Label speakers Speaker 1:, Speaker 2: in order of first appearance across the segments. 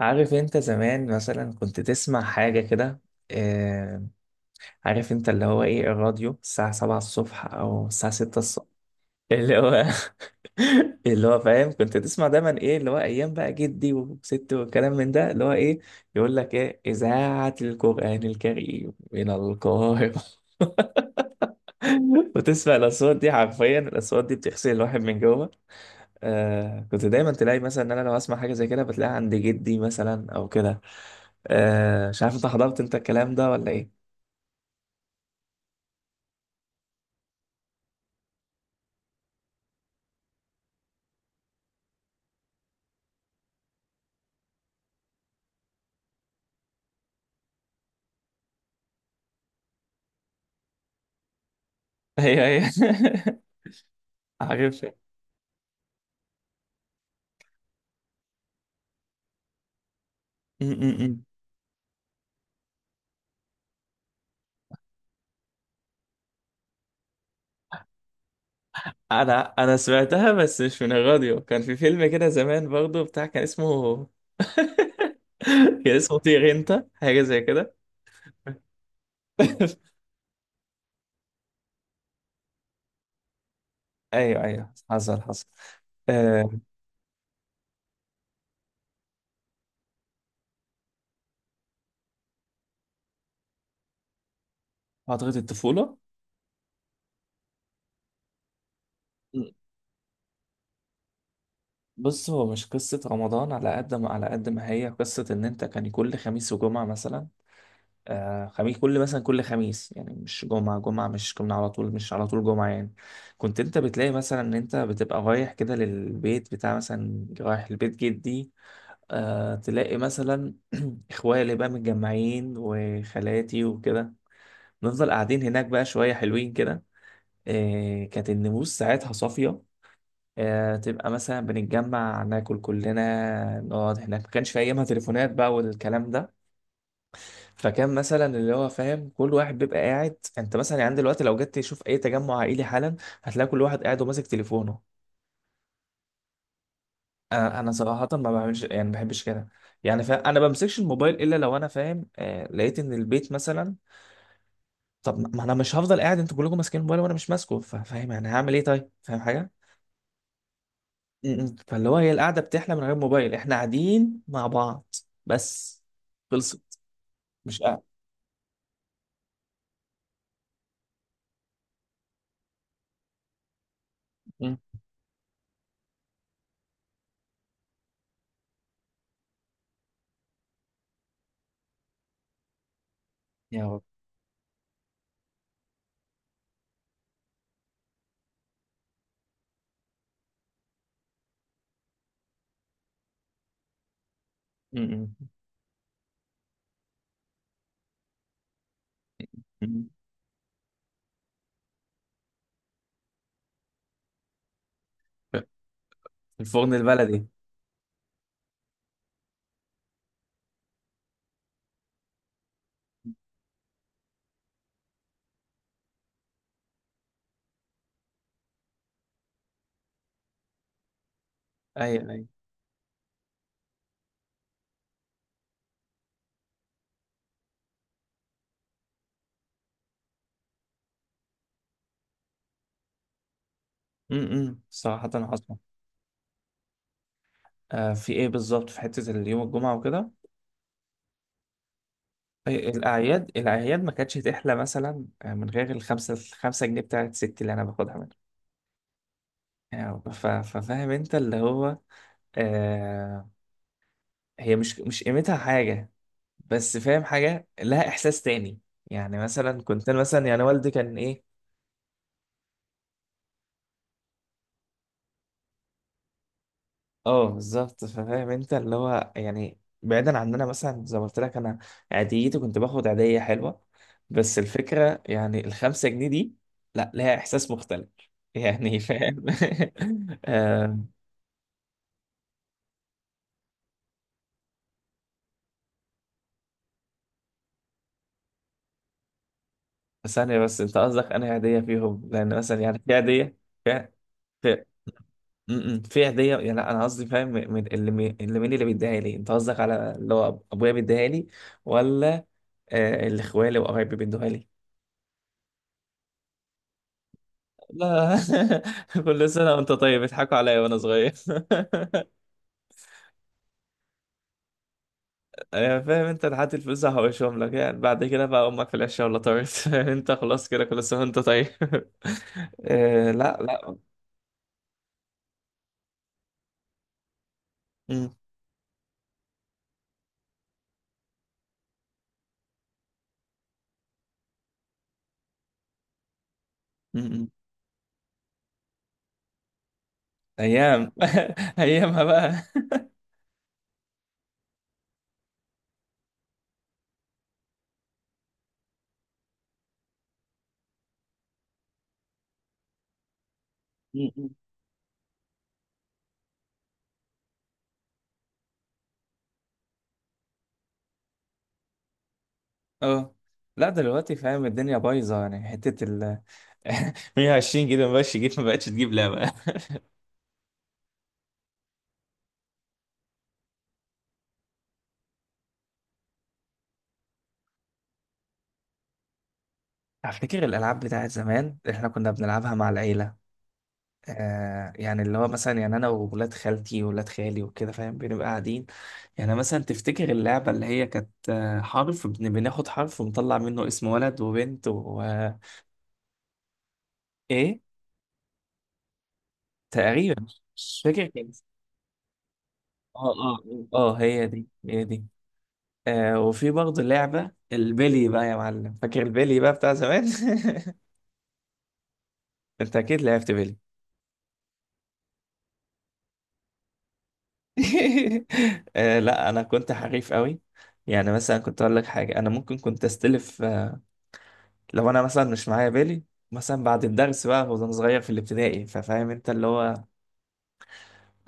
Speaker 1: عارف انت زمان مثلا كنت تسمع حاجة كده. آه. عارف انت اللي هو ايه الراديو الساعة سبعة الصبح او الساعة ستة الصبح اللي هو. اللي هو فاهم كنت تسمع دايما ايه اللي هو ايام بقى جدي وستي والكلام من ده اللي هو ايه يقول لك ايه اذاعة القرآن الكريم من القاهرة. وتسمع الاصوات دي حرفيا الاصوات دي بتغسل الواحد من جوه. آه كنت دايما تلاقي مثلا ان انا لو اسمع حاجه زي كده بتلاقيها عند جدي مثلا او كده. آه مش عارف انت حضرت انت الكلام ده ولا ايه. هي هي. عارف. م. انا سمعتها بس مش من الراديو كان في فيلم كده زمان برضو بتاع كان اسمه. كان اسمه طير انت حاجه زي كده. ايوه ايوه حصل حصل. آه. فتره الطفوله. بص هو مش قصة رمضان على قد ما على قد ما هي قصة إن أنت كان كل خميس وجمعة مثلا. آه خميس كل مثلا كل خميس يعني مش جمعة جمعة مش كنا على طول مش على طول جمعة يعني كنت أنت بتلاقي مثلا إن أنت بتبقى رايح كده للبيت بتاع مثلا رايح لبيت جدي. آه تلاقي مثلا إخوالي اللي بقى متجمعين وخالاتي وكده نفضل قاعدين هناك بقى شوية حلوين كده. آه كانت النفوس ساعتها صافية. آه، تبقى مثلا بنتجمع ناكل كلنا نقعد هناك ما كانش في ايامها تليفونات بقى والكلام ده. فكان مثلا اللي هو فاهم كل واحد بيبقى قاعد انت مثلا يعني دلوقتي لو جيت تشوف اي تجمع عائلي حالا هتلاقي كل واحد قاعد وماسك تليفونه. انا صراحه ما بعملش يعني ما بحبش كده. يعني فا انا بمسكش الموبايل الا لو انا فاهم آه لقيت ان البيت مثلا طب ما انا مش هفضل قاعد انتوا كلكم ماسكين الموبايل وانا مش ماسكه فاهم يعني هعمل ايه طيب فاهم حاجه. م-م. فاللي هو هي القعده بتحلى من غير موبايل احنا قاعدين مع بعض. بس خلصت مش قاعد. م. يا رب. م-م. م-م. في الفرن البلدي. ايوه ايوه. م-م. صراحه حصل. آه في ايه بالظبط في حته اليوم الجمعه وكده. إيه، الاعياد الاعياد ما كانتش تحلى مثلا آه، من غير الخمسه الخمسه جنيه بتاعت ستي اللي انا باخدها منها. يعني ف- ففاهم انت اللي هو آه. هي مش قيمتها حاجه بس فاهم حاجة لها إحساس تاني. يعني مثلا كنت أنا مثلا يعني والدي كان إيه. أه بالظبط فاهم أنت اللي هو يعني بعيدا عننا مثلا زي ما قلت لك أنا عاديتي كنت باخد عادية حلوة. بس الفكرة يعني الخمسة جنيه دي لا لها إحساس مختلف. يعني فاهم. آه، ثانية بس أنت قصدك أنا عادية فيهم لأن مثلا يعني في عادية. في في هديه يعني لا انا قصدي فاهم من اللي اللي مين اللي بيديها لي انت قصدك على اللي هو ابويا بيديها لي ولا آه، اللي اخوالي وقرايبي بيدوها لي. لا. كل سنه وانت طيب بيضحكوا عليا وانا صغير. أيوة، فاهم انت لحد الفلوس هحوشهم لك يعني بعد كده بقى امك في العشاء ولا طارت. انت خلاص كده كل سنه وانت طيب. آه، لا لا. امم. امم. ايام. ايامها بقى. اه لا دلوقتي فاهم الدنيا بايظه يعني حته ال. 120 جيجا ما بقتش تجيب ما بقتش تجيب لعبه. افتكر الالعاب بتاعت زمان احنا كنا بنلعبها مع العيله. آه يعني اللي هو مثلا يعني انا وولاد خالتي وولاد خالي وكده فاهم بنبقى قاعدين. يعني مثلا تفتكر اللعبه اللي هي كانت آه، حرف بناخد حرف ونطلع منه اسم ولد وبنت و آه، ايه تقريبا مش فاكر كان اسمها. اه اه. اه هي دي هي دي. آه وفي برضه لعبة البيلي بقى يا معلم فاكر البيلي بقى بتاع زمان. انت اكيد لعبت بيلي. آه لا انا كنت حريف قوي. يعني مثلا كنت اقول لك حاجة انا ممكن كنت استلف آه، لو انا مثلا مش معايا بيلي مثلا بعد الدرس بقى وانا صغير في الابتدائي ففاهم انت اللي هو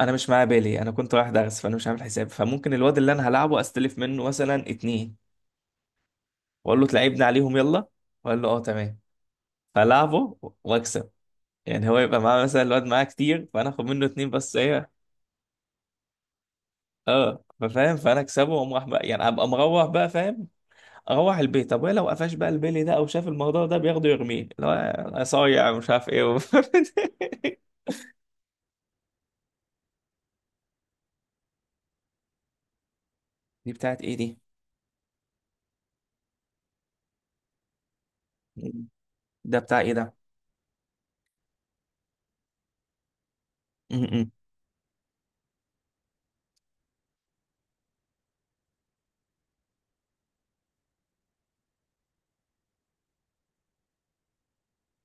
Speaker 1: انا مش معايا بيلي انا كنت رايح درس فانا مش عامل حساب فممكن الواد اللي انا هلعبه استلف منه مثلا اتنين واقول له تلعبني عليهم يلا واقول له اه تمام فلعبه واكسب. يعني هو يبقى معاه مثلا الواد معاه كتير فانا اخد منه اتنين بس ايه. اه ففاهم فانا اكسبه واقوم راح بقى يعني ابقى مروح بقى فاهم اروح البيت. طب ولو قفش بقى البيلي ده او شاف الموضوع ده بياخده يرميه اللي هو انا صايع مش عارف ايه و... دي بتاعت ايه دي. ده بتاع ايه ده. م-م.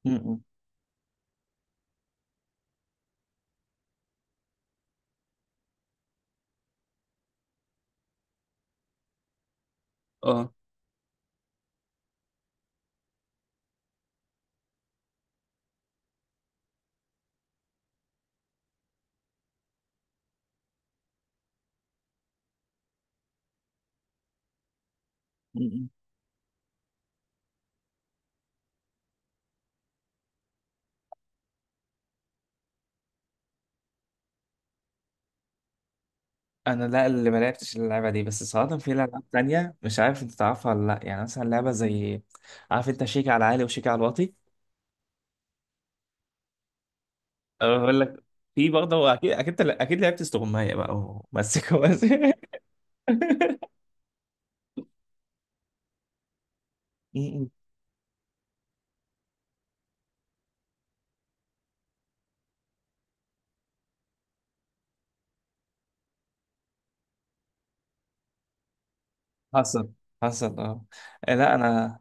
Speaker 1: م-م. اه. م-م. انا لا اللي ما لعبتش اللعبه دي بس صراحه في العاب تانية مش عارف انت تعرفها ولا لا يعني مثلا لعبه زي عارف انت شيك على عالي وشيك على الواطي. أنا بقول لك في برضه هو اكيد اكيد اكيد لعبت استغماية بقى ومسك ومسك. حصل حصل اه. آه، لا انا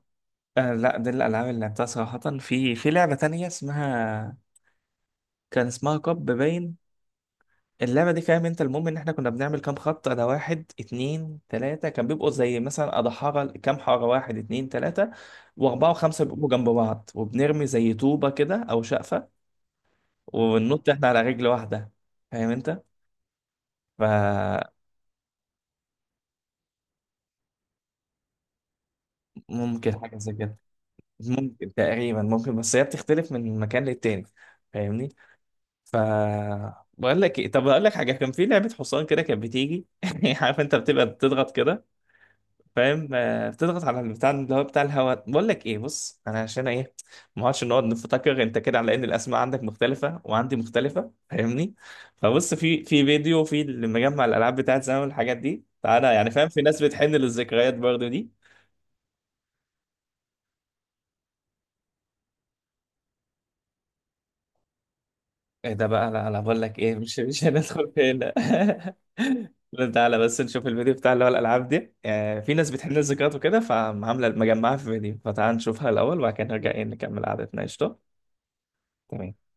Speaker 1: آه، لا دي الالعاب اللي لعبتها صراحه. في لعبه تانية اسمها كان اسمها كاب باين. اللعبه دي فاهم انت المهم ان احنا كنا بنعمل كام خط ده واحد اتنين تلاته كان بيبقوا زي مثلا اضحاره كام حاره واحد اتنين تلاته واربعه وخمسه بيبقوا جنب بعض وبنرمي زي طوبه كده او شقفه وننط احنا على رجل واحده فاهم انت ف. ممكن حاجة زي كده. ممكن تقريبا ممكن بس هي بتختلف من مكان للتاني فاهمني ف. بقول لك ايه طب اقول لك حاجه كان في لعبه حصان كده كانت بتيجي. عارف انت بتبقى بتضغط كده فاهم آه، بتضغط على البتاع اللي هو بتاع الهواء. بقول لك ايه بص انا عشان ايه ما اقعدش نقعد نفتكر انت كده على ان الاسماء عندك مختلفه وعندي مختلفه فاهمني. فبص في فيديو في اللي مجمع الالعاب بتاعت زمان والحاجات دي تعالى يعني فاهم في ناس بتحن للذكريات برضه دي. ايه ده بقى لا لا بقول لك ايه مش هندخل في هنا. لا، تعالى بس نشوف الفيديو بتاع اللي هو الالعاب دي آه، في ناس بتحن الذكريات وكده فعامله مجمعها في فيديو فتعال نشوفها الاول وبعد كده نرجع ايه نكمل قعدتنا قشطه. تمام.